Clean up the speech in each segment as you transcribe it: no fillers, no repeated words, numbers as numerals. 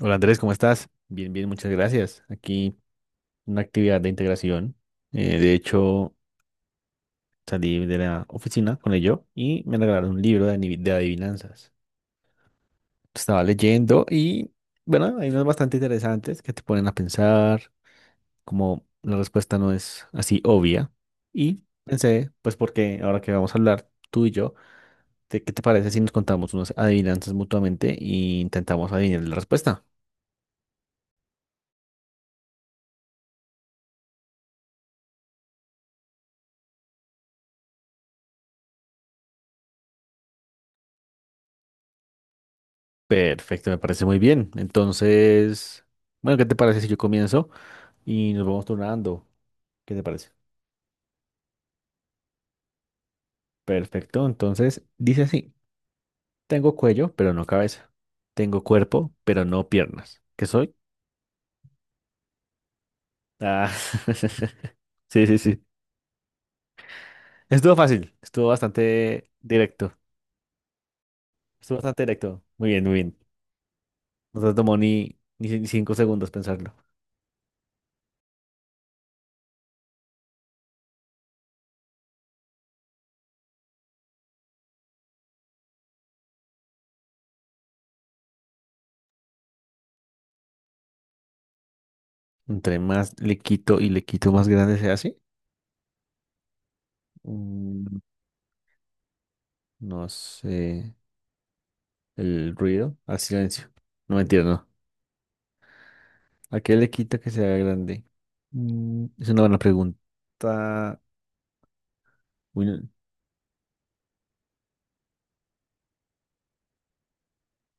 Hola Andrés, ¿cómo estás? Bien, bien, muchas gracias. Aquí una actividad de integración. De hecho, salí de la oficina con ello y me regalaron un libro de adivinanzas. Estaba leyendo y, bueno, hay unas bastante interesantes que te ponen a pensar, como la respuesta no es así obvia. Y pensé, pues porque ahora que vamos a hablar tú y yo, ¿qué te parece si nos contamos unas adivinanzas mutuamente e intentamos adivinar la respuesta? Perfecto, me parece muy bien. Entonces, bueno, ¿qué te parece si yo comienzo y nos vamos turnando? ¿Qué te parece? Perfecto, entonces dice así, tengo cuello, pero no cabeza. Tengo cuerpo, pero no piernas. ¿Qué soy? Ah, sí, sí, sí. Estuvo fácil, estuvo bastante directo. Muy bien, muy bien. No te tomó ni 5 segundos pensarlo. Entre más le quito y le quito, más grande se hace. Mm, No sé. El ruido al silencio. No mentira, no. ¿A qué le quita que sea grande? Mm, es una buena pregunta. Uy, no-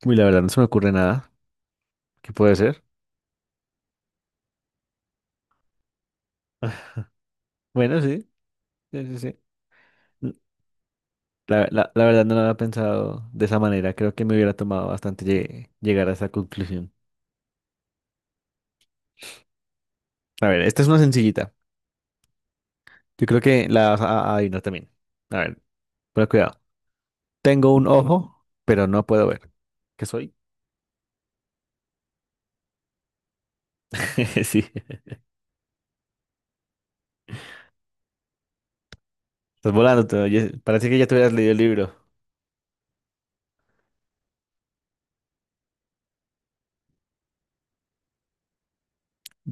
uy, la verdad, no se me ocurre nada. ¿Qué puede ser? Bueno, sí, sí, sí, sí. N- la verdad no lo había pensado de esa manera. Creo que me hubiera tomado bastante llegar a esa conclusión. A ver, esta es una sencillita. Yo creo que la vas a adivinar también. A ver, pero cuidado. Tengo un ojo, pero no puedo ver. ¿Qué soy? Sí. Estás volando, te oyes- Parece que ya te hubieras leído el libro.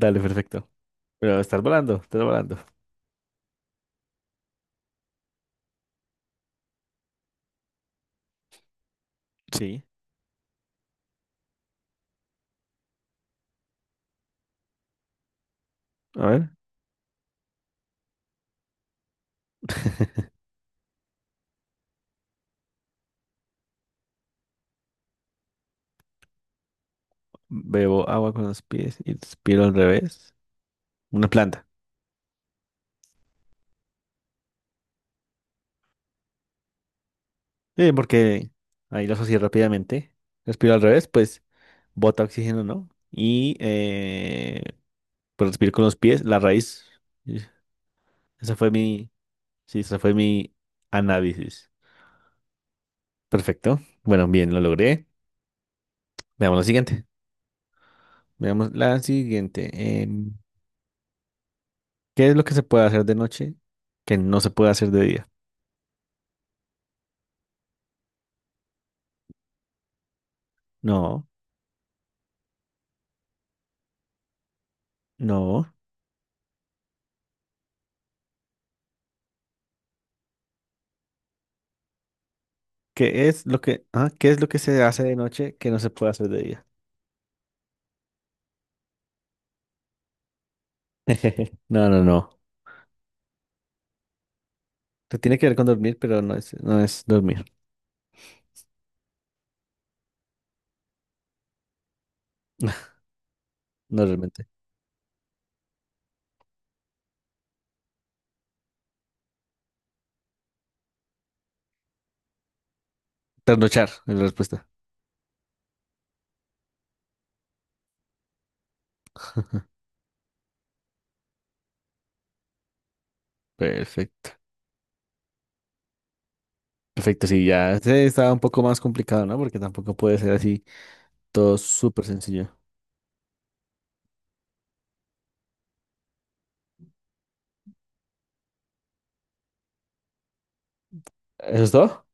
Dale, perfecto. Pero estás volando, estás volando. Sí. A ver, bebo agua con los pies y respiro al revés. Una planta. Sí, porque ahí lo asocié rápidamente. Respiro al revés, pues bota oxígeno, ¿no? Y pues respiro con los pies, la raíz. Y Esa fue mi, sí, esa fue mi análisis. Perfecto. Bueno, bien, lo logré. Veamos la siguiente. Veamos la siguiente. Em, ¿Qué es lo que se puede hacer de noche que no se puede hacer de día? No. No. ¿Qué es lo que, ah, qué es lo que se hace de noche que no se puede hacer de día? No, no, no. Te tiene que ver con dormir, pero no es, no es dormir. No realmente. Trasnochar es la respuesta. Perfecto. Perfecto, sí, ya se estaba un poco más complicado, ¿no? Porque tampoco puede ser así todo súper sencillo. ¿Eso es todo?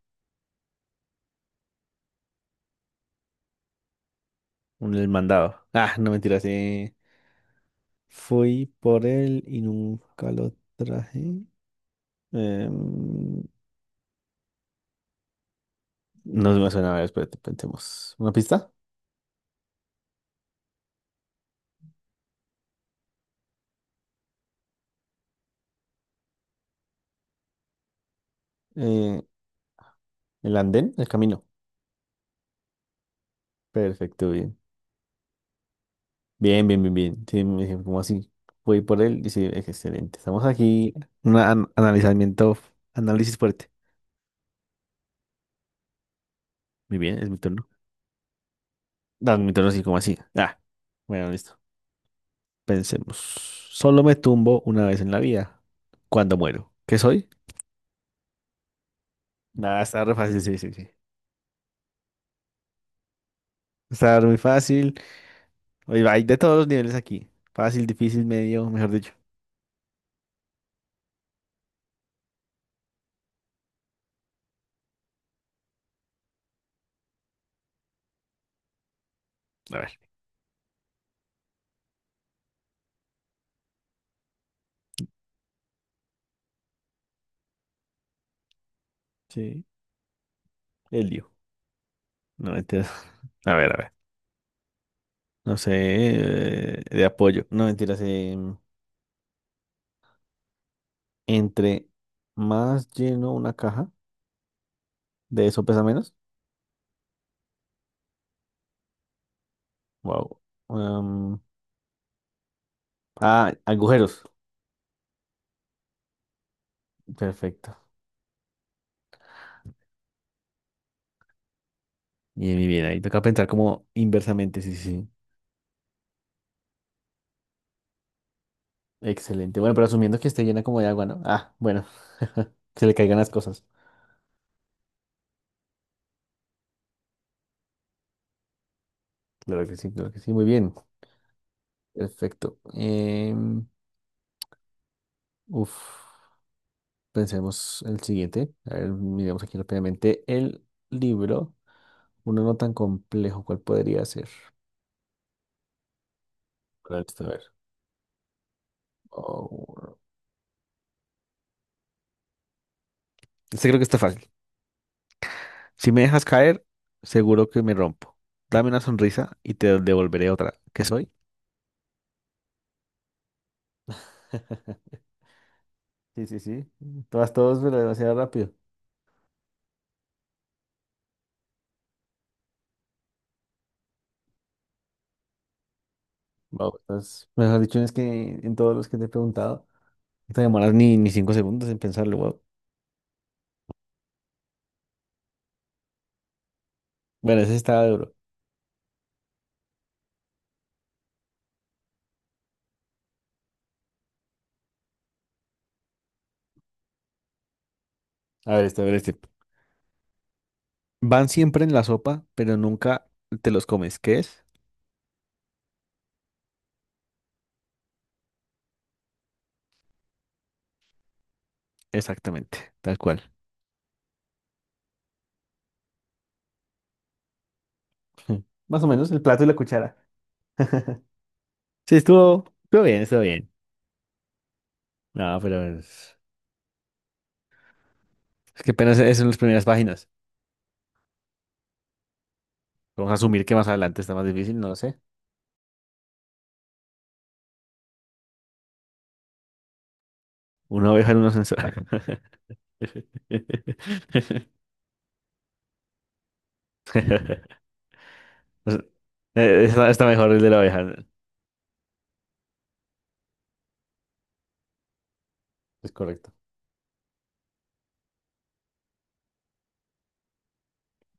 Un el mandado. Ah, no mentira, sí. Fui por él y nunca lo traje. Em, no me suena, a ver, espérate, pensemos. ¿Una pista? Eh, ¿El andén? El camino. Perfecto, bien. Bien, bien, bien, bien. Sí, me dije, ¿como así? Voy por él y sí, excelente. Estamos aquí. Un analizamiento, análisis fuerte. Muy bien, es mi turno. No, mi turno así como así. Ah, bueno, listo. Pensemos. Solo me tumbo una vez en la vida. Cuando muero. ¿Qué soy? Nada, está re fácil, sí, sí, sí. Está muy fácil. Oye, hay de todos los niveles aquí. Fácil, difícil, medio, mejor dicho. A ver. Sí, el lío. No, entiendo. A ver, a ver. No sé, de apoyo. No, mentiras, entre más lleno una caja, de eso pesa menos. Wow. Ah, agujeros. Perfecto. Bien, bien, bien. Ahí toca pensar como inversamente, sí, sí. Sí. Excelente. Bueno, pero asumiendo que esté llena como de agua, ¿no? Ah, bueno. se le caigan las cosas. Claro que sí, claro que sí. Muy bien. Perfecto. Uf, pensemos el siguiente. A ver, miremos aquí rápidamente el libro. Uno no tan complejo, ¿cuál podría ser? Bueno, listo, a ver. Oh, este creo que está fácil. Si me dejas caer, seguro que me rompo. Dame una sonrisa y te devolveré otra. ¿Qué soy? Sí, sí, sí. Todas, todos, pero demasiado rápido. Vamos. Entonces, mejor dicho, es que en todos los que te he preguntado, no te demoras ni 5 segundos en pensarlo, wow. Bueno, ese estaba duro. A ver, este, a ver, este. Van siempre en la sopa, pero nunca te los comes. ¿Qué es? Exactamente, tal cual. Más o menos el plato y la cuchara. Sí, estuvo, estuvo bien, estuvo bien. No, pero es que apenas es en las primeras páginas. Vamos a asumir que más adelante está más difícil, no lo sé. Una oveja en un ascensor. O sea, está mejor el de la oveja. Es correcto.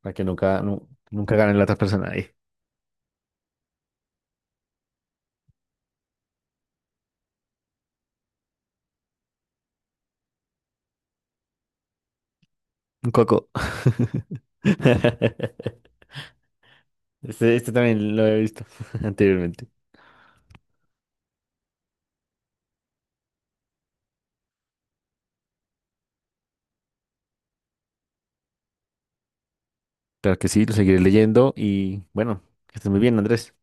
Para que nunca, nunca gane la otra persona ahí. Un coco. Este también lo he visto anteriormente. Claro que sí, lo seguiré leyendo y bueno, que estés muy bien, Andrés.